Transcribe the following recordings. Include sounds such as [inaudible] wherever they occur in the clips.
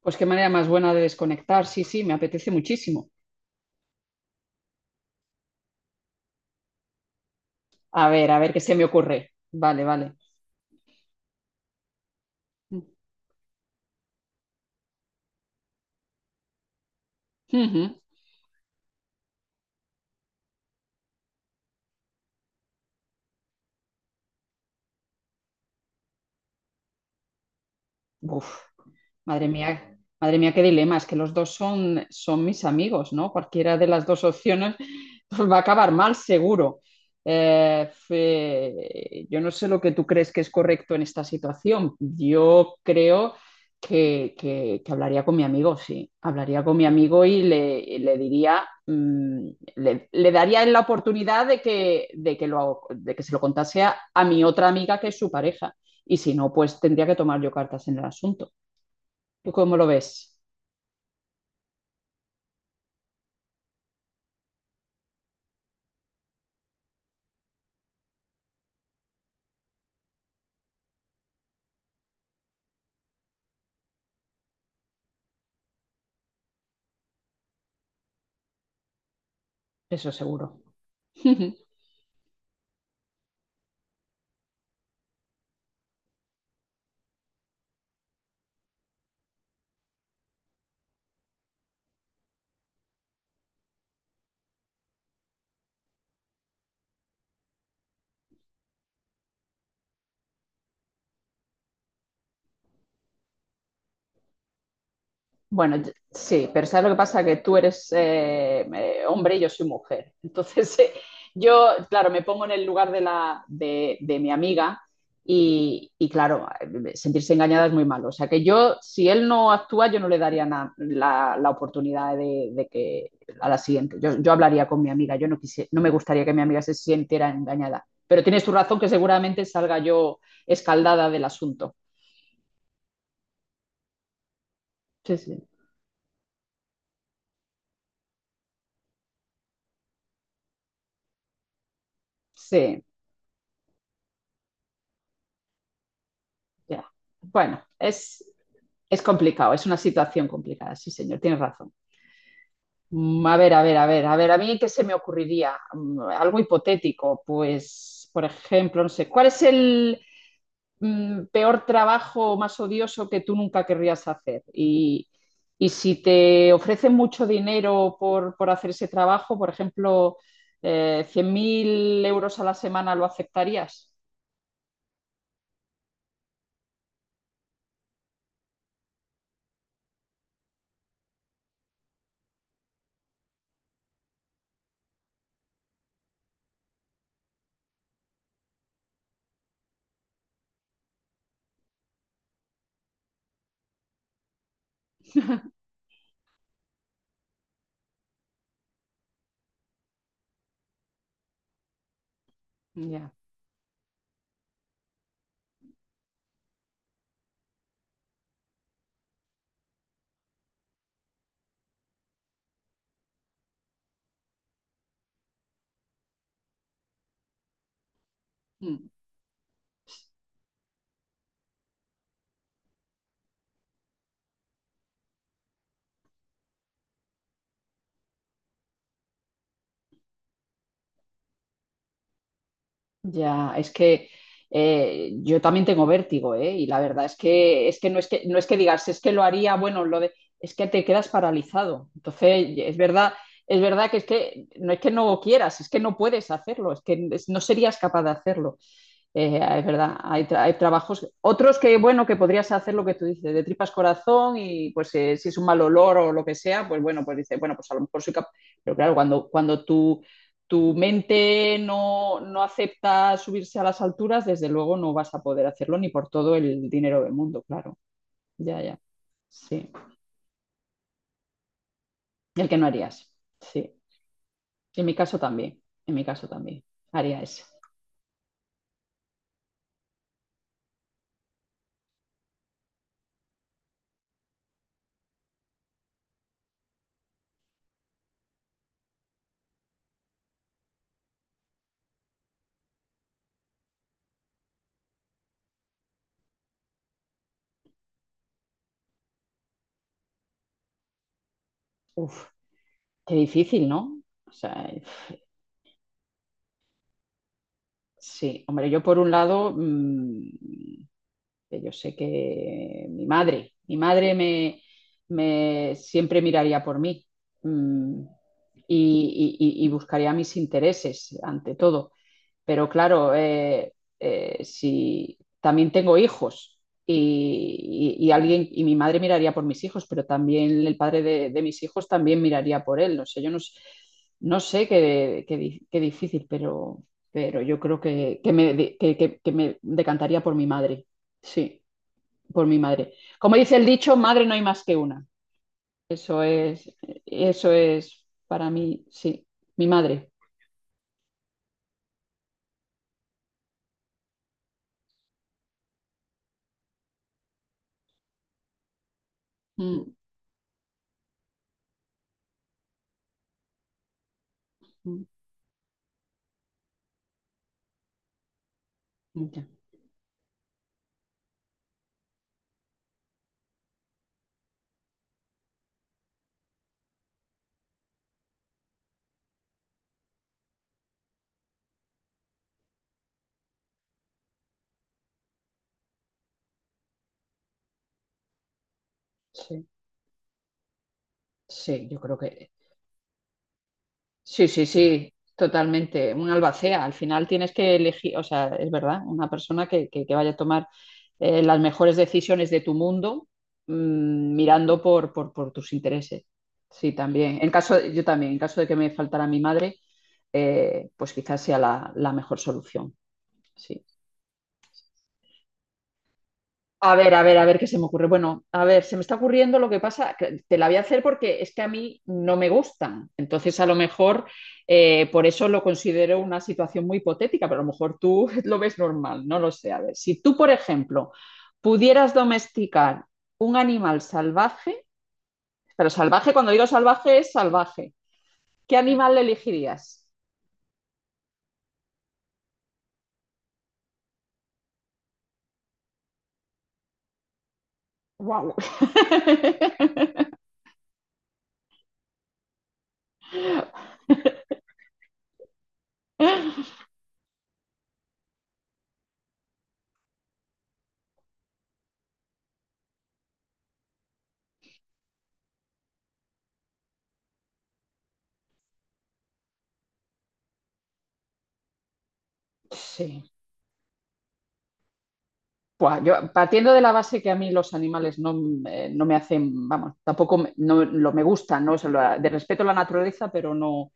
Pues qué manera más buena de desconectar. Sí, sí, me apetece muchísimo. A ver qué se me ocurre. Vale, vale. Ujú. Uf. Madre mía, qué dilema. Es que los dos son mis amigos, ¿no? Cualquiera de las dos opciones [laughs] pues, va a acabar mal, seguro. Yo no sé lo que tú crees que es correcto en esta situación. Yo creo que hablaría con mi amigo, sí. Hablaría con mi amigo y le diría, le daría la oportunidad de que se lo contase a mi otra amiga que es su pareja. Y si no, pues tendría que tomar yo cartas en el asunto. ¿Tú cómo lo ves? Eso seguro. [laughs] Bueno, sí, pero ¿sabes lo que pasa? Que tú eres hombre y yo soy mujer. Entonces, [laughs] yo, claro, me pongo en el lugar de mi amiga y, claro, sentirse engañada es muy malo. O sea, que yo, si él no actúa, yo no le daría la oportunidad de que a la siguiente. Yo hablaría con mi amiga, yo no, quise, no me gustaría que mi amiga se sintiera engañada. Pero tienes tu razón que seguramente salga yo escaldada del asunto. Sí, sí. Sí, ya. Bueno, es complicado, es una situación complicada, sí, señor, tienes razón. A ver, a ver, a ver, a ver, a mí qué se me ocurriría. Algo hipotético, pues, por ejemplo, no sé, ¿cuál es el peor trabajo o más odioso que tú nunca querrías hacer? Y si te ofrecen mucho dinero por hacer ese trabajo, por ejemplo, 100.000 € a la semana, ¿lo aceptarías? Ya. Mm. Ya, es que yo también tengo vértigo, ¿eh? Y la verdad es que, es que no es que digas, es que lo haría, bueno, es que te quedas paralizado. Entonces, es verdad que es que no quieras, es que no puedes hacerlo, no serías capaz de hacerlo. Es verdad, hay trabajos, otros que, bueno, que podrías hacer lo que tú dices, de tripas corazón y pues si es un mal olor o lo que sea, pues bueno, pues dices, bueno, pues a lo mejor soy capaz, pero claro, cuando tu mente no, no acepta subirse a las alturas, desde luego no vas a poder hacerlo ni por todo el dinero del mundo, claro, ya, ya, sí, el que no harías, sí, en mi caso también, en mi caso también, haría eso. Uf, qué difícil, ¿no? O sea, sí, hombre, yo por un lado, que yo sé que mi madre me, me siempre miraría por mí, mm, y, y buscaría mis intereses ante todo. Pero claro, si también tengo hijos y, y alguien, y mi madre miraría por mis hijos, pero también el padre de mis hijos también miraría por él. No sé, yo no, s- no sé qué difícil, pero yo creo que me, de- que me decantaría por mi madre. Sí, por mi madre. Como dice el dicho, madre no hay más que una. Eso es, eso es para mí, sí, mi madre. Mm, mm, ya, sí. Sí, yo creo que sí, sí, sí, totalmente. Un albacea. Al final tienes que elegir, o sea, es verdad, una persona que vaya a tomar las mejores decisiones de tu mundo, mirando por tus intereses. Sí, también. En caso, yo también, en caso de que me faltara mi madre, pues quizás sea la, la mejor solución. Sí. A ver, a ver, a ver qué se me ocurre. Bueno, a ver, se me está ocurriendo lo que pasa, que te la voy a hacer porque es que a mí no me gustan. Entonces, a lo mejor por eso lo considero una situación muy hipotética, pero a lo mejor tú [laughs] lo ves normal, no lo sé. A ver, si tú, por ejemplo, pudieras domesticar un animal salvaje, pero salvaje, cuando digo salvaje es salvaje, ¿qué animal elegirías? Wow. [laughs] Sí. Buah, yo partiendo de la base que a mí los animales no, no me hacen, vamos, tampoco me, no, lo, me gustan, ¿no? O sea, de respeto a la naturaleza, pero no,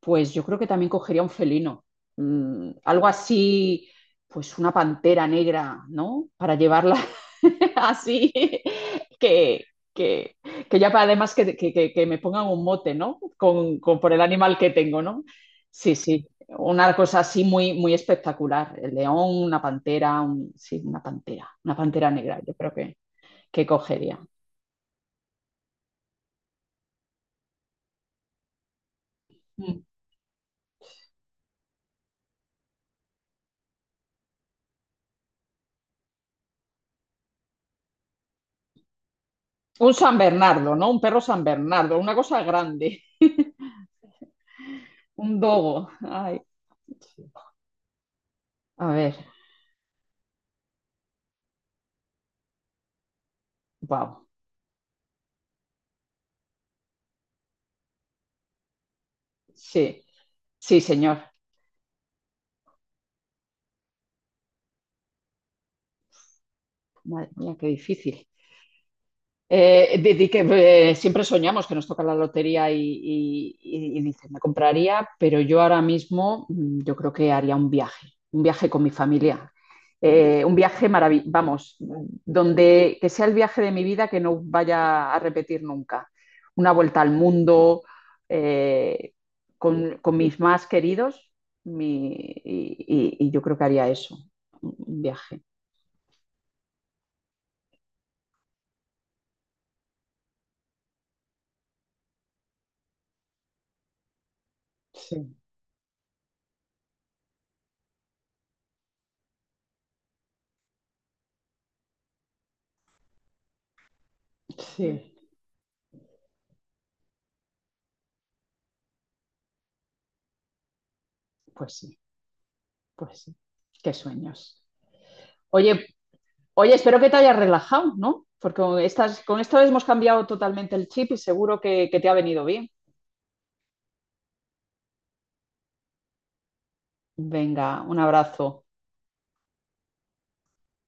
pues yo creo que también cogería un felino, algo así, pues una pantera negra, ¿no? Para llevarla [laughs] así, que, que, que ya para además que que me pongan un mote, ¿no? Por el animal que tengo, ¿no? Sí, sí, una cosa así muy, muy espectacular. El león, una pantera, sí, una pantera negra, yo creo que cogería. Mm. Un San Bernardo, ¿no? Un perro San Bernardo, una cosa grande. Un dogo. Ay. Sí. A ver, wow. Sí, sí, señor. Madre mía, qué difícil. Di que siempre soñamos que nos toca la lotería y, y dices, me compraría, pero yo ahora mismo, yo creo que haría un viaje con mi familia. Un viaje maravilloso, vamos, donde que sea el viaje de mi vida que no vaya a repetir nunca. Una vuelta al mundo, eh, con mis más queridos mi- y, y yo creo que haría eso, un viaje. Sí, sí. Pues sí. Pues sí, qué sueños. Oye, oye, espero que te hayas relajado, ¿no? Porque con estas, con esto hemos cambiado totalmente el chip y seguro que te ha venido bien. Venga, un abrazo.